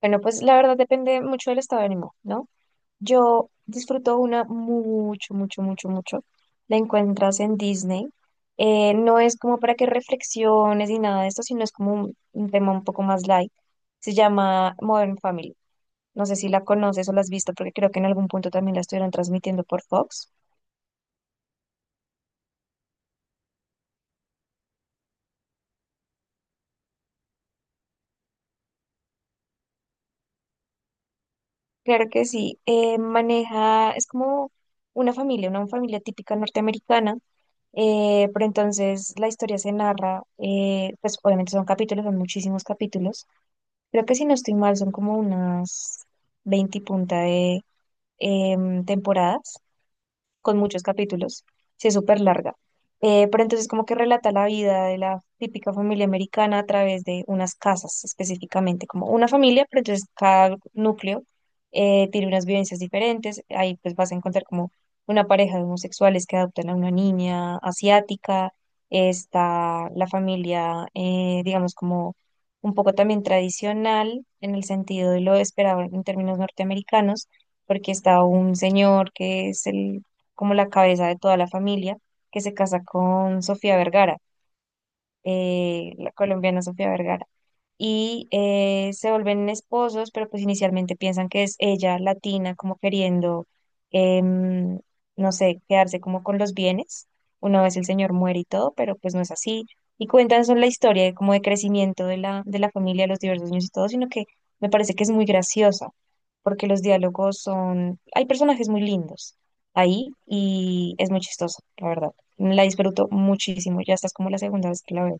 Bueno, pues la verdad depende mucho del estado de ánimo, ¿no? Yo disfruto una mucho, mucho, mucho, mucho. La encuentras en Disney. No es como para que reflexiones ni nada de esto, sino es como un tema un poco más light. Se llama Modern Family. No sé si la conoces o la has visto, porque creo que en algún punto también la estuvieron transmitiendo por Fox. Claro que sí. Es como una familia típica norteamericana. Pero entonces la historia se narra, pues obviamente son capítulos, son muchísimos capítulos. Creo que si no estoy mal, son como unas 20 y punta de temporadas con muchos capítulos, sí es súper larga. Pero entonces como que relata la vida de la típica familia americana a través de unas casas específicamente, como una familia, pero entonces cada núcleo tiene unas vivencias diferentes. Ahí pues vas a encontrar como una pareja de homosexuales que adoptan a una niña asiática, está la familia, digamos, como un poco también tradicional en el sentido de lo esperado en términos norteamericanos, porque está un señor que es el como la cabeza de toda la familia, que se casa con Sofía Vergara. La colombiana Sofía Vergara. Y se vuelven esposos, pero pues inicialmente piensan que es ella latina, como queriendo, em, no sé, quedarse como con los bienes. Una vez el señor muere y todo, pero pues no es así. Y cuentan son la historia de, como de crecimiento de la familia, los diversos niños y todo, sino que me parece que es muy graciosa, porque los diálogos son, hay personajes muy lindos ahí y es muy chistoso, la verdad. La disfruto muchísimo, ya estás como la segunda vez que la veo.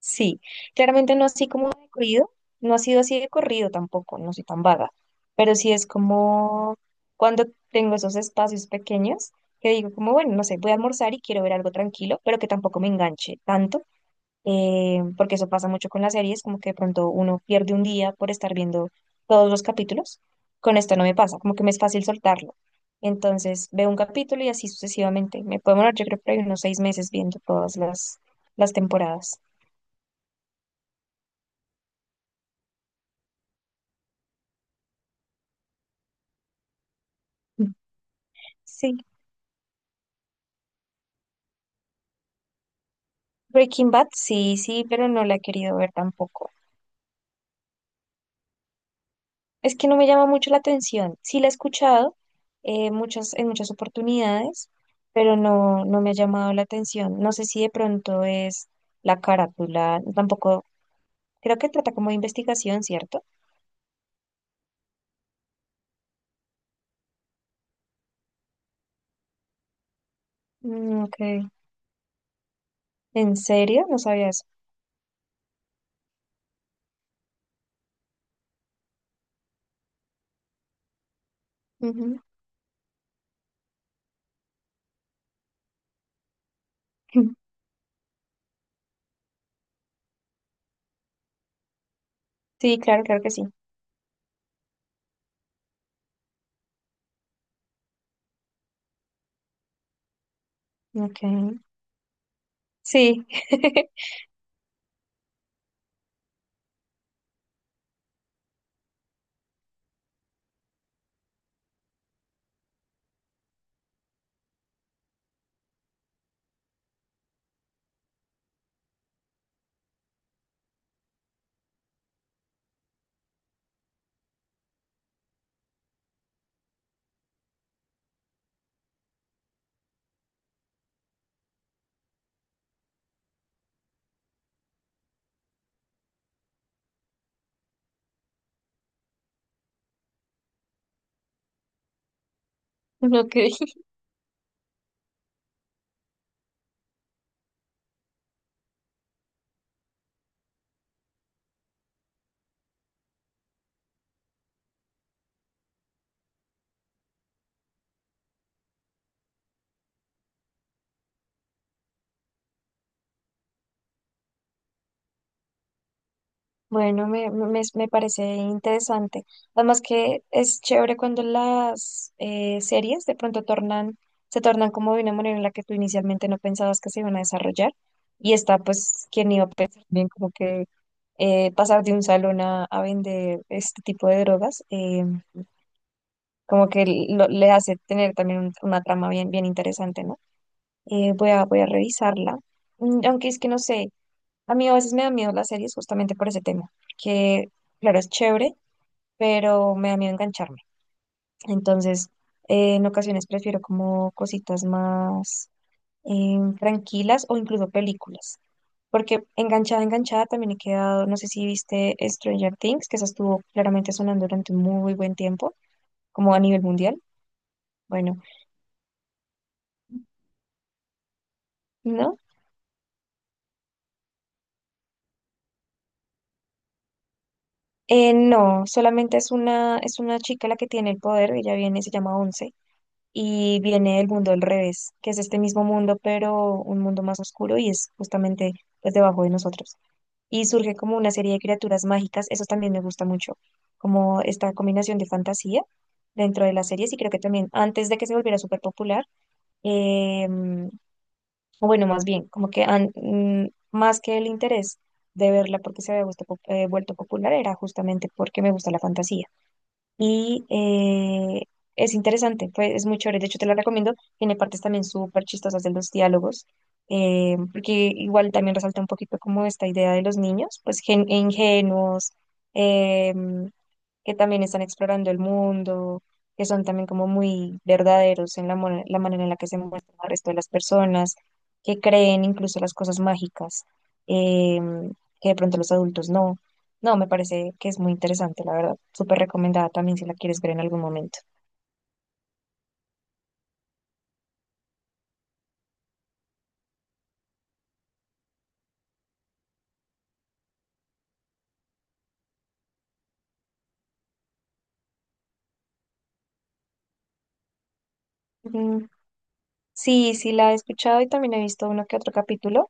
Sí, claramente no así como de corrido, no ha sido así de corrido tampoco, no soy tan vaga, pero sí es como cuando tengo esos espacios pequeños que digo como, bueno, no sé, voy a almorzar y quiero ver algo tranquilo, pero que tampoco me enganche tanto porque eso pasa mucho con las series, como que de pronto uno pierde un día por estar viendo todos los capítulos. Con esto no me pasa, como que me es fácil soltarlo. Entonces veo un capítulo y así sucesivamente. Me puedo demorar, yo creo por ahí unos 6 meses viendo todas las temporadas. Sí, Breaking Bad, sí, sí, pero no la he querido ver tampoco. Es que no me llama mucho la atención. Sí la he escuchado en muchas oportunidades, pero no, no me ha llamado la atención. No sé si de pronto es la carátula, tampoco, creo que trata como de investigación, ¿cierto? Mm, ok. ¿En serio? No sabía eso. Ujú. Sí, claro, claro que sí. Ok. Sí. Ok. Bueno, me parece interesante. Además que es chévere cuando las series de pronto se tornan como de una manera en la que tú inicialmente no pensabas que se iban a desarrollar. Y está, pues, quien iba a pensar bien como que pasar de un salón a vender este tipo de drogas, como que le hace tener también una trama bien, bien interesante, ¿no? Voy a revisarla. Aunque es que no sé. A mí a veces me da miedo las series justamente por ese tema, que claro, es chévere, pero me da miedo engancharme. Entonces, en ocasiones prefiero como cositas más tranquilas o incluso películas, porque enganchada, enganchada también he quedado, no sé si viste Stranger Things, que esa estuvo claramente sonando durante un muy buen tiempo, como a nivel mundial. Bueno, ¿no? No, solamente es es una chica la que tiene el poder, ella viene, se llama Once y viene el mundo al revés, que es este mismo mundo, pero un mundo más oscuro y es justamente pues debajo de nosotros. Y surge como una serie de criaturas mágicas, eso también me gusta mucho, como esta combinación de fantasía dentro de las series y creo que también antes de que se volviera súper popular, eh, o bueno, más bien, como que más que el interés de verla porque se había vuelto popular era justamente porque me gusta la fantasía y es interesante, pues es muy chévere, de hecho te lo recomiendo, tiene partes también súper chistosas de los diálogos, porque igual también resalta un poquito como esta idea de los niños, pues ingenuos, em, que también están explorando el mundo, que son también como muy verdaderos en la manera en la que se muestran al resto de las personas, que creen incluso las cosas mágicas, em, que de pronto los adultos no. No, me parece que es muy interesante, la verdad. Súper recomendada también si la quieres ver en algún momento. Mm, sí, sí la he escuchado y también he visto uno que otro capítulo,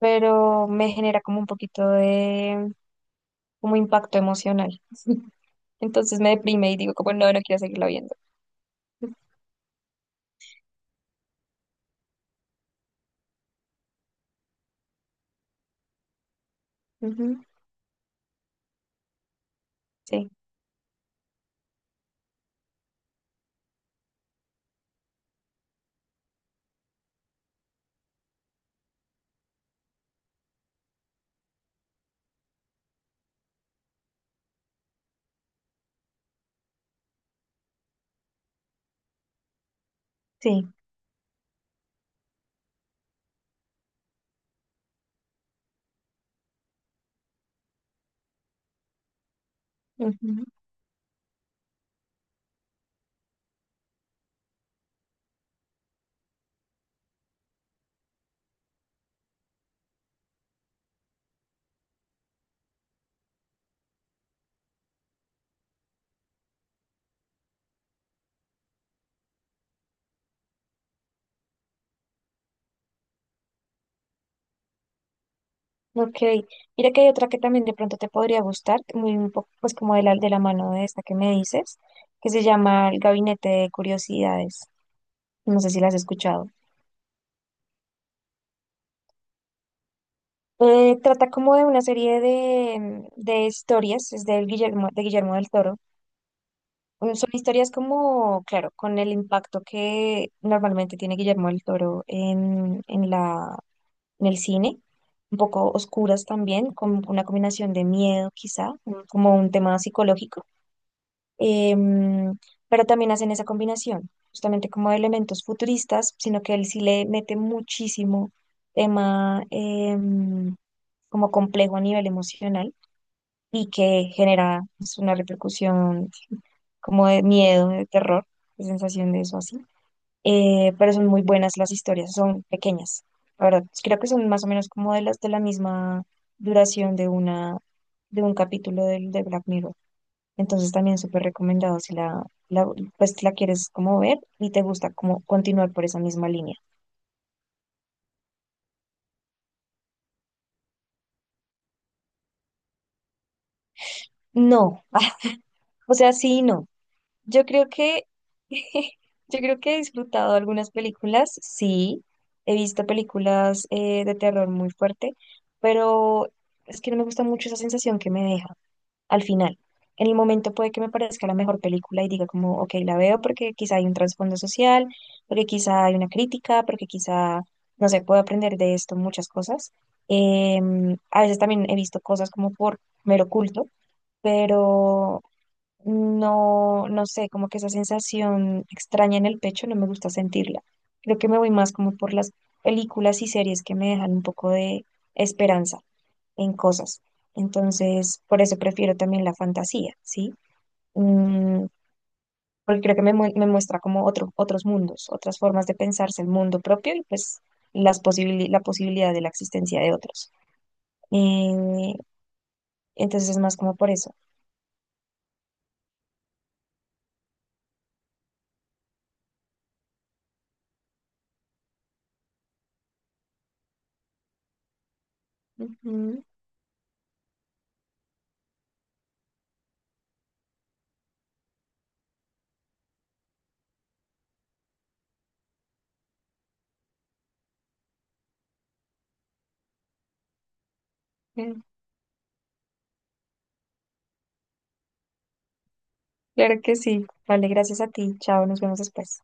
pero me genera como un poquito de como impacto emocional. Entonces me deprime y digo como no, no quiero seguirla viendo. Ujú, sí. Sí. Ujú, ok. Mira que hay otra que también de pronto te podría gustar, muy un poco, pues como de la mano de esta que me dices, que se llama El Gabinete de Curiosidades. No sé si la has escuchado. Trata como de una serie de historias, es de Guillermo del Toro. Son historias como, claro, con el impacto que normalmente tiene Guillermo del Toro en el cine, un poco oscuras también, con una combinación de miedo quizá, como un tema psicológico, em, pero también hacen esa combinación, justamente como de elementos futuristas, sino que él sí le mete muchísimo tema como complejo a nivel emocional y que genera pues, una repercusión como de miedo, de terror, de sensación de eso así pero son muy buenas las historias, son pequeñas, la verdad. Creo que son más o menos como de las de la misma duración de de un capítulo del de Black Mirror. Entonces también súper recomendado si la, pues la quieres como ver y te gusta como continuar por esa misma línea. No, o sea, sí y no. Yo creo que, yo creo que he disfrutado algunas películas, sí, he visto películas de terror muy fuerte, pero es que no me gusta mucho esa sensación que me deja al final. En el momento puede que me parezca la mejor película y diga como, ok, la veo porque quizá hay un trasfondo social, porque quizá hay una crítica, porque quizá, no sé, puedo aprender de esto muchas cosas. A veces también he visto cosas como por mero culto, pero no, no sé, como que esa sensación extraña en el pecho no me gusta sentirla. Creo que me voy más como por las películas y series que me dejan un poco de esperanza en cosas. Entonces, por eso prefiero también la fantasía, ¿sí? Mm, porque creo que me muestra como otros mundos, otras formas de pensarse el mundo propio y pues las la posibilidad de la existencia de otros. Eh, entonces es más como por eso. Ujú. Claro que sí. Vale, gracias a ti. Chao, nos vemos después.